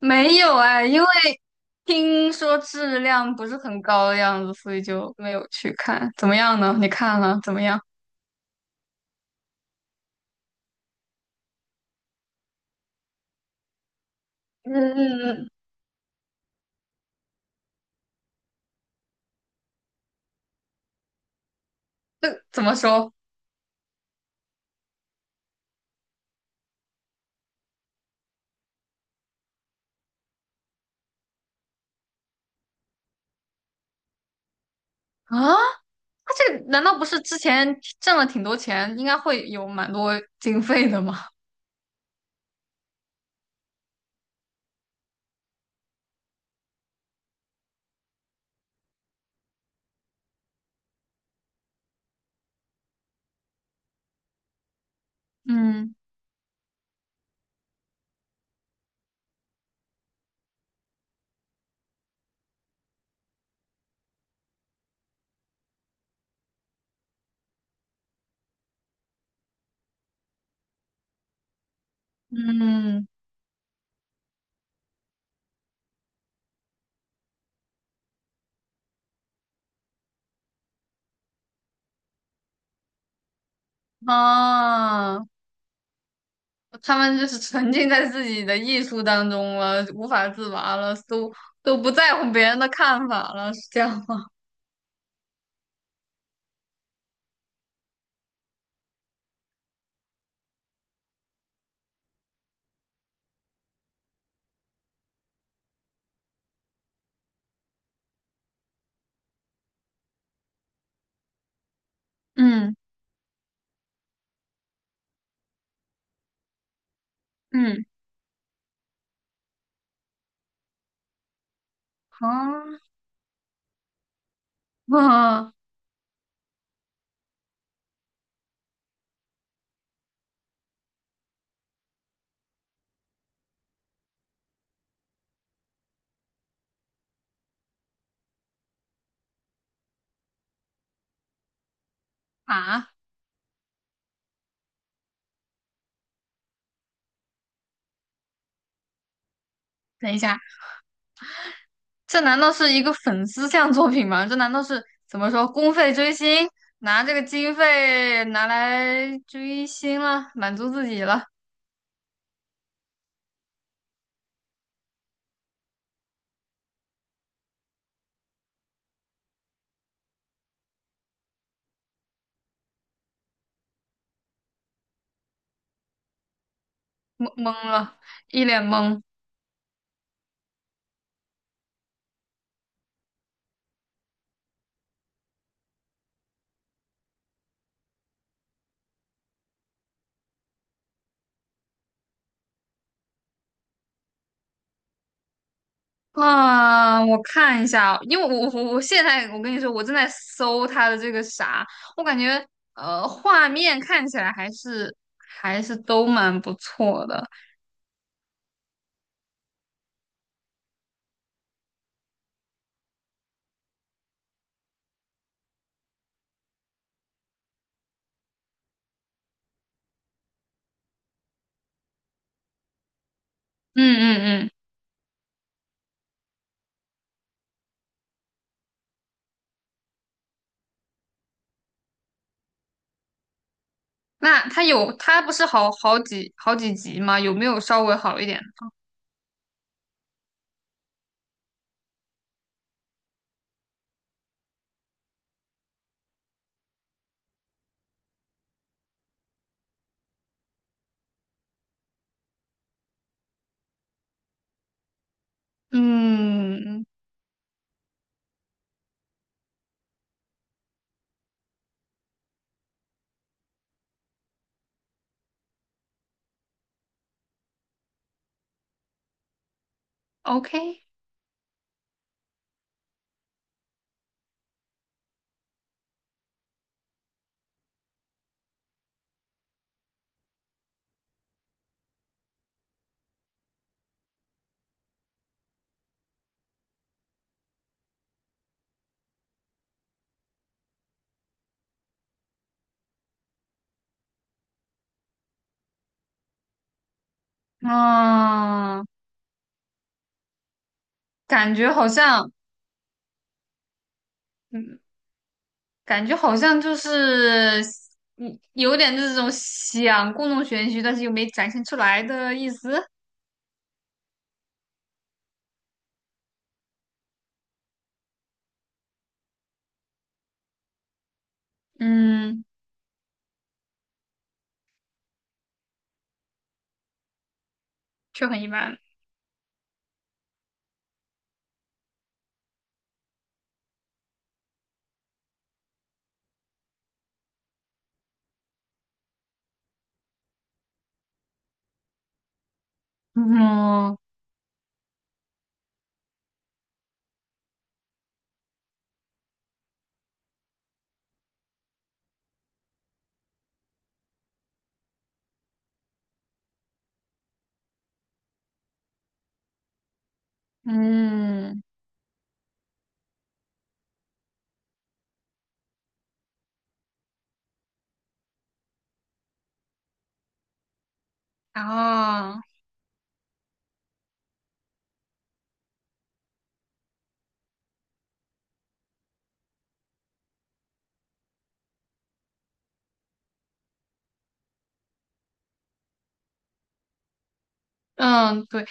没有哎，因为听说质量不是很高的样子，所以就没有去看。怎么样呢？你看了怎么样？嗯嗯嗯，怎么说啊？他这个难道不是之前挣了挺多钱，应该会有蛮多经费的吗？嗯嗯啊，他们就是沉浸在自己的艺术当中了，无法自拔了，都不在乎别人的看法了，是这样吗？嗯嗯啊啊啊！等一下，这难道是一个粉丝向作品吗？这难道是怎么说公费追星，拿这个经费拿来追星了，满足自己了？懵懵了，一脸懵啊！我看一下，因为我现在我跟你说，我正在搜他的这个啥，我感觉画面看起来还是都蛮不错的。嗯嗯嗯。那他有他不是好好几好几集吗？有没有稍微好一点？嗯，OK。啊，感觉好像，嗯，感觉好像就是，嗯，有点这种想故弄玄虚，但是又没展现出来的意思，嗯，却很一般，嗯嗯，然后，嗯，对。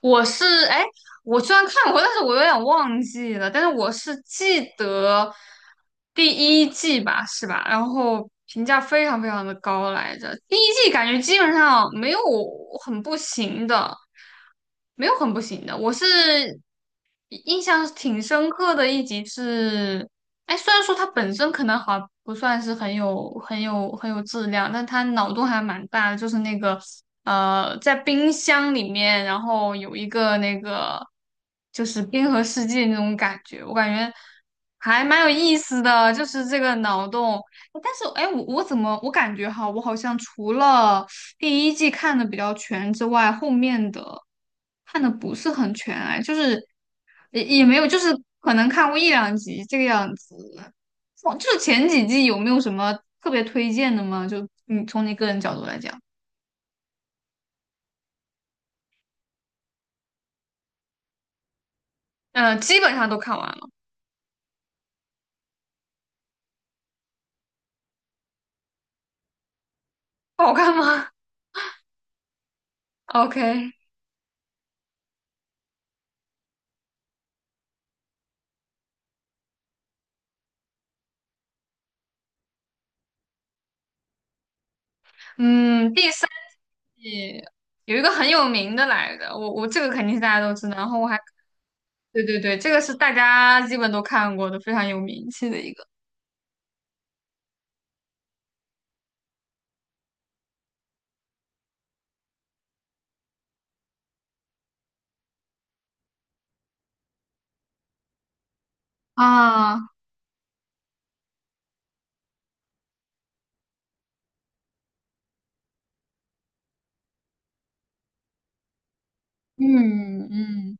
我是哎，我虽然看过，但是我有点忘记了。但是我是记得第一季吧，是吧？然后评价非常非常的高来着。第一季感觉基本上没有很不行的，没有很不行的。我是印象挺深刻的一集是，哎，虽然说它本身可能好像不算是很有质量，但它脑洞还蛮大的，就是那个，在冰箱里面，然后有一个那个就是冰河世纪那种感觉，我感觉还蛮有意思的，就是这个脑洞。哎但是哎，我怎么我感觉哈，我好像除了第一季看的比较全之外，后面的看的不是很全哎，就是也没有，就是可能看过一两集这个样子。哦就是前几季有没有什么特别推荐的吗？就你从你个人角度来讲，嗯、基本上都看完了。好看吗 ？OK。嗯，第四季有一个很有名的来的，我这个肯定是大家都知道，然后我还对对对，这个是大家基本都看过的，非常有名气的一个。啊，嗯嗯，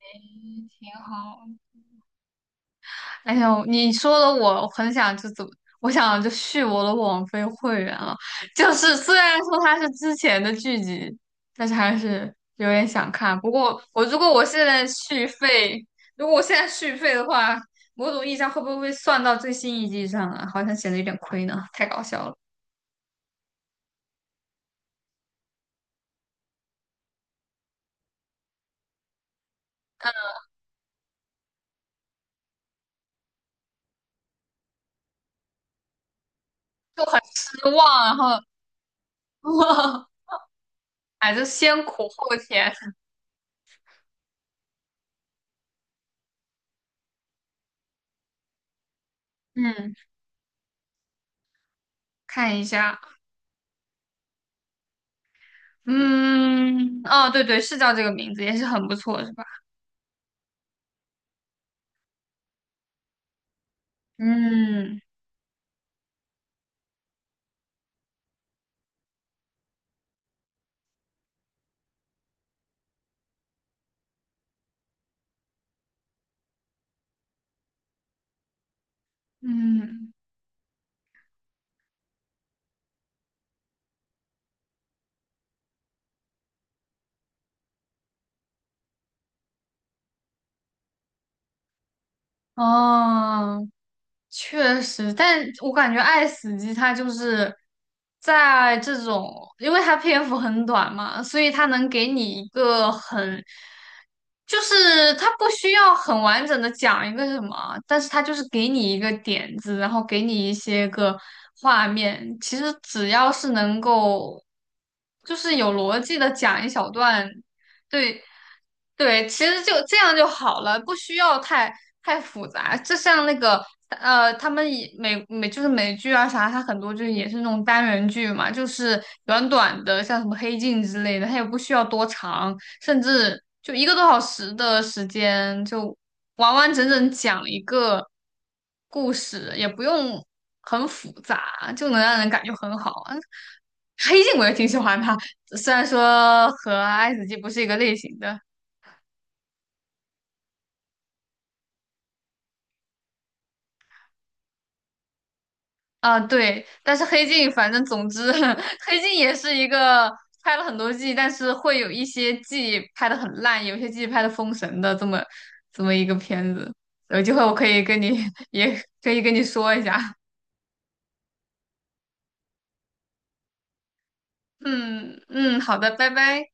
哎挺好。哎呦，你说的我很想就怎么，我想就续我的网飞会员了。就是虽然说它是之前的剧集，但是还是有点想看。不过我如果我现在续费，如果我现在续费的话，某种意义上会不会算到最新一季上啊？好像显得有点亏呢，太搞笑了，就很失望。然后，哎，就先苦后甜，嗯，看一下。嗯，哦，对对，是叫这个名字，也是很不错，是吧？嗯嗯，哦，确实，但我感觉《爱死机》它就是在这种，因为它篇幅很短嘛，所以它能给你一个很，就是它不需要很完整的讲一个什么，但是它就是给你一个点子，然后给你一些个画面。其实只要是能够，就是有逻辑的讲一小段，对。对，其实就这样就好了，不需要太复杂。就像那个，他们以美就是美剧啊啥，它很多就是也是那种单元剧嘛，就是短短的，像什么《黑镜》之类的，它也不需要多长，甚至就一个多小时的时间，就完完整整讲一个故事，也不用很复杂，就能让人感觉很好啊。黑镜我也挺喜欢它，虽然说和爱死机不是一个类型的。啊，对，但是黑镜，反正总之，黑镜也是一个拍了很多季，但是会有一些季拍的很烂，有些季拍的封神的这么一个片子。有机会我可以跟你 也可以跟你说一下。嗯嗯，好的，拜拜。